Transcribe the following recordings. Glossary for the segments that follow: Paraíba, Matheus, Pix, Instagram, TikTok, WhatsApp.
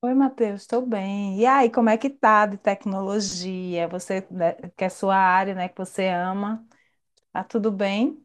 Oi, Matheus, estou bem. E aí, como é que tá de tecnologia? Você, né, que é sua área, né, que você ama, tá tudo bem?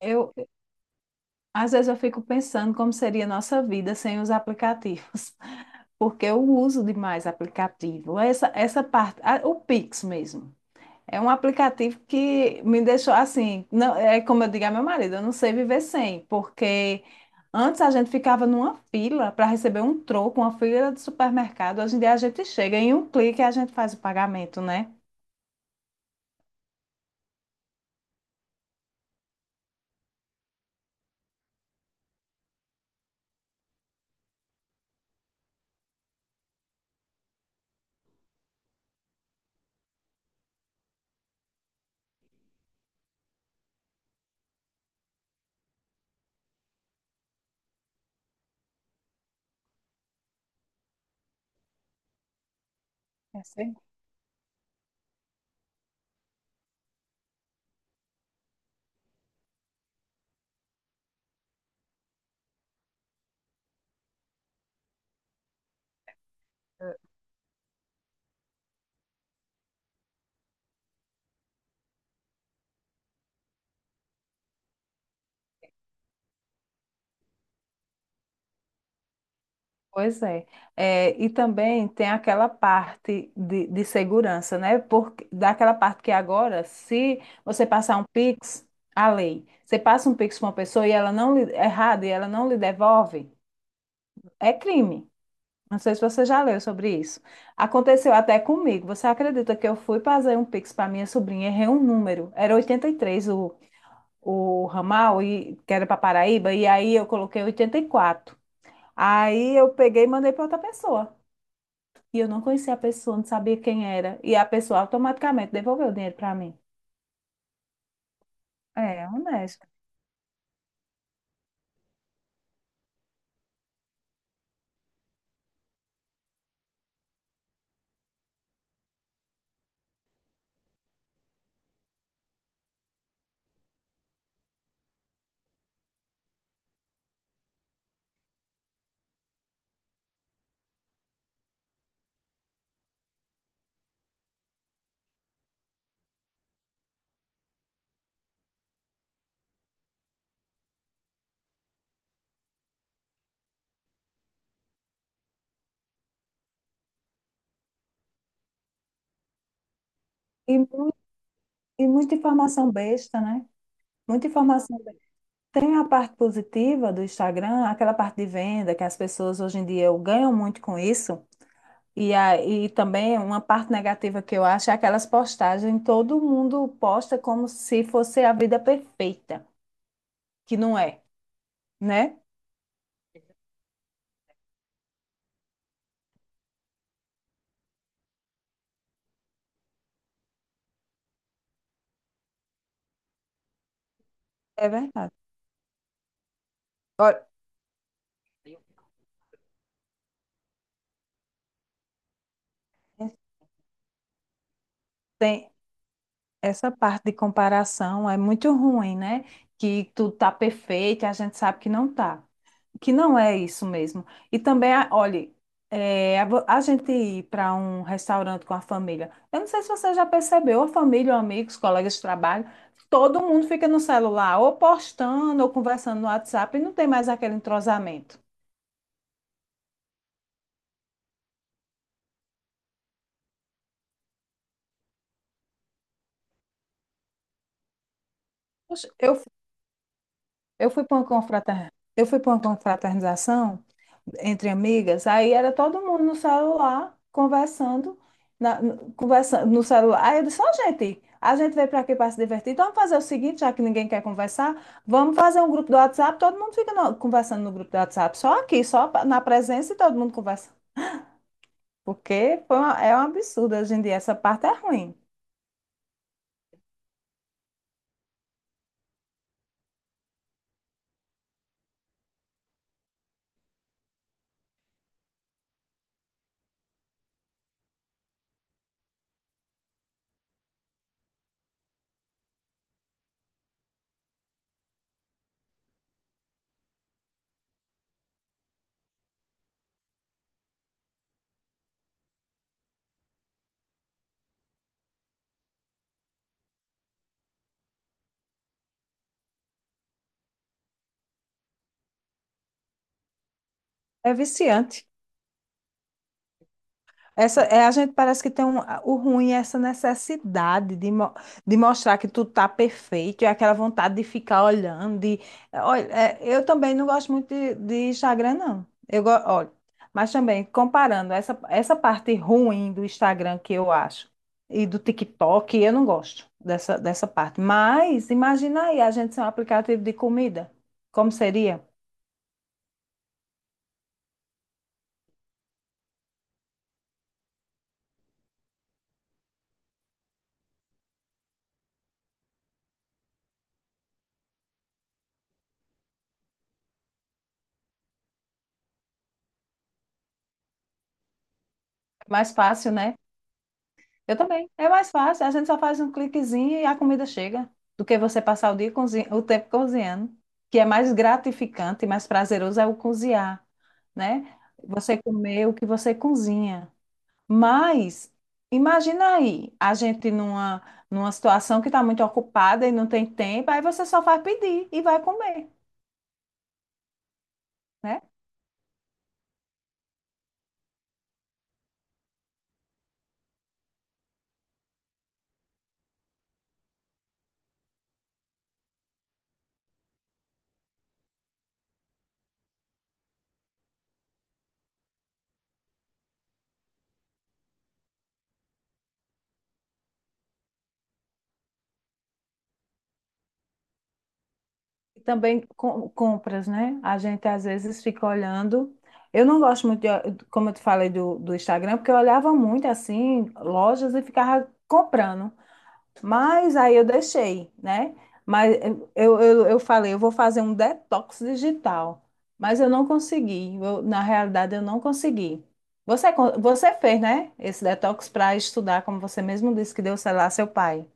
Eu, às vezes eu fico pensando como seria a nossa vida sem os aplicativos, porque eu uso demais aplicativo. Essa parte, ah, o Pix mesmo. É um aplicativo que me deixou assim, não, é como eu digo a meu marido, eu não sei viver sem, porque antes a gente ficava numa fila para receber um troco, uma fila de supermercado. Hoje em dia a gente chega em um clique e a gente faz o pagamento, né? É, sim. Pois é. É, e também tem aquela parte de segurança, né? Porque, daquela parte que agora, se você passar um Pix, a lei, você passa um Pix para uma pessoa e ela não lhe, errado e ela não lhe devolve, é crime. Não sei se você já leu sobre isso. Aconteceu até comigo. Você acredita que eu fui fazer um Pix para minha sobrinha, errei um número. Era 83 o ramal, e, que era para Paraíba, e aí eu coloquei 84. Aí eu peguei e mandei para outra pessoa. E eu não conhecia a pessoa, não sabia quem era. E a pessoa automaticamente devolveu o dinheiro para mim. É, honesto. E, mu- e muita informação besta, né? Muita informação. Tem a parte positiva do Instagram, aquela parte de venda que as pessoas hoje em dia ganham muito com isso. E aí também uma parte negativa que eu acho é aquelas postagens, todo mundo posta como se fosse a vida perfeita, que não é, né? É verdade. Olha, tem essa parte de comparação é muito ruim, né? Que tudo tá perfeito, e a gente sabe que não tá, que não é isso mesmo. E também, olhe, a gente ir para um restaurante com a família. Eu não sei se você já percebeu, a família, ou amigos, colegas de trabalho, todo mundo fica no celular, ou postando, ou conversando no WhatsApp, e não tem mais aquele entrosamento. Poxa, eu fui para uma eu fui para uma confraternização entre amigas, aí era todo mundo no celular conversando, conversando no celular. Aí eu disse, ó, gente, a gente veio para aqui para se divertir, então vamos fazer o seguinte, já que ninguém quer conversar, vamos fazer um grupo do WhatsApp, todo mundo fica conversando no grupo do WhatsApp, só aqui, na presença e todo mundo conversa. Porque é um absurdo hoje em dia, essa parte é ruim, é viciante. A gente parece que tem o ruim é essa necessidade de mostrar que tu tá perfeito, é aquela vontade de ficar olhando. De, olha, é, eu também não gosto muito de Instagram, não. Olha, mas também, comparando essa parte ruim do Instagram que eu acho e do TikTok, eu não gosto dessa parte. Mas imagina aí a gente ser um aplicativo de comida. Como seria? Mais fácil, né? Eu também. É mais fácil. A gente só faz um cliquezinho e a comida chega. Do que você passar o o tempo cozinhando. Que é mais gratificante e mais prazeroso é o cozinhar, né? Você comer o que você cozinha. Mas imagina aí, a gente numa situação que está muito ocupada e não tem tempo, aí você só vai pedir e vai comer, né? E também compras, né? A gente às vezes fica olhando. Eu não gosto muito, de, como eu te falei, do Instagram, porque eu olhava muito assim, lojas e ficava comprando. Mas aí eu deixei, né? Mas eu falei, eu vou fazer um detox digital. Mas eu não consegui. Na realidade, eu não consegui. Você fez, né? Esse detox para estudar, como você mesmo disse que deu, sei lá, seu pai.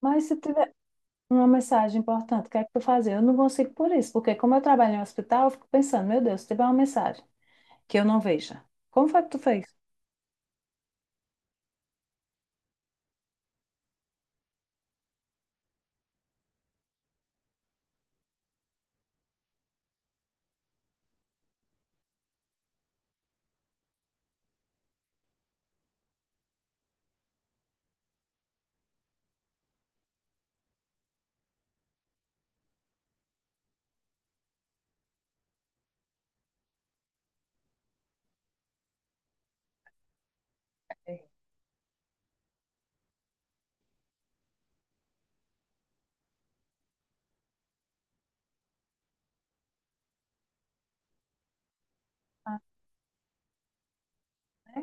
Mas se tiver uma mensagem importante, o que é que tu fazer? Eu não consigo por isso, porque como eu trabalho em um hospital, eu fico pensando, meu Deus, se tiver uma mensagem que eu não veja, como foi que tu fez? Ah, né?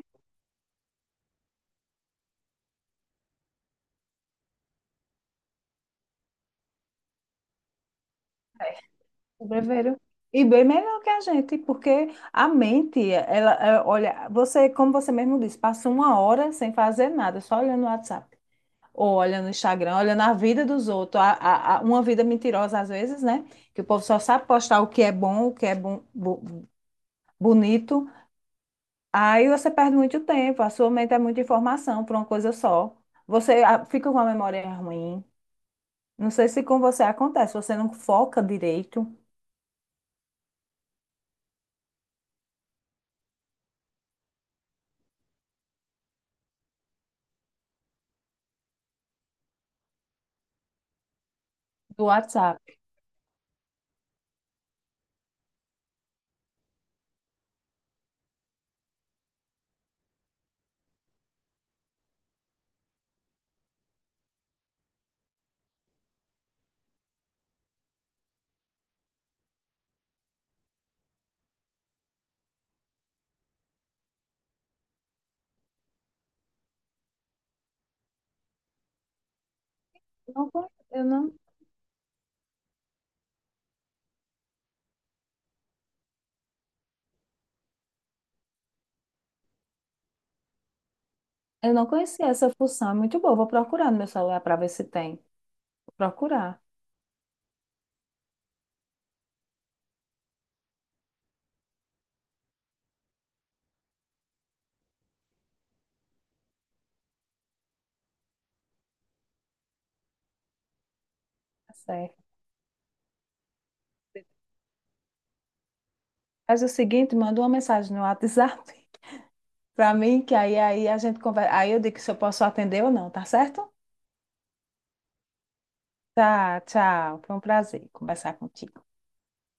Sobreviveram. E bem melhor que a gente, porque a mente, ela, é, olha, você, como você mesmo disse, passa uma hora sem fazer nada, só olhando o WhatsApp, ou olhando o Instagram, olhando a vida dos outros, uma vida mentirosa às vezes, né? Que o povo só sabe postar o que é bom, o que é bom, bonito. Aí você perde muito tempo, a sua mente é muita informação para uma coisa só. Você, ah, fica com a memória ruim. Não sei se com você acontece, você não foca direito do WhatsApp. Eu não, conhe- eu não, eu não conhecia essa função, é muito boa. Vou procurar no meu celular para ver se tem. Vou procurar. Tá certo. Faz o seguinte, manda uma mensagem no WhatsApp para mim, que aí a gente conversa. Aí eu digo se eu posso atender ou não, tá certo? Tá, tchau. Foi um prazer conversar contigo.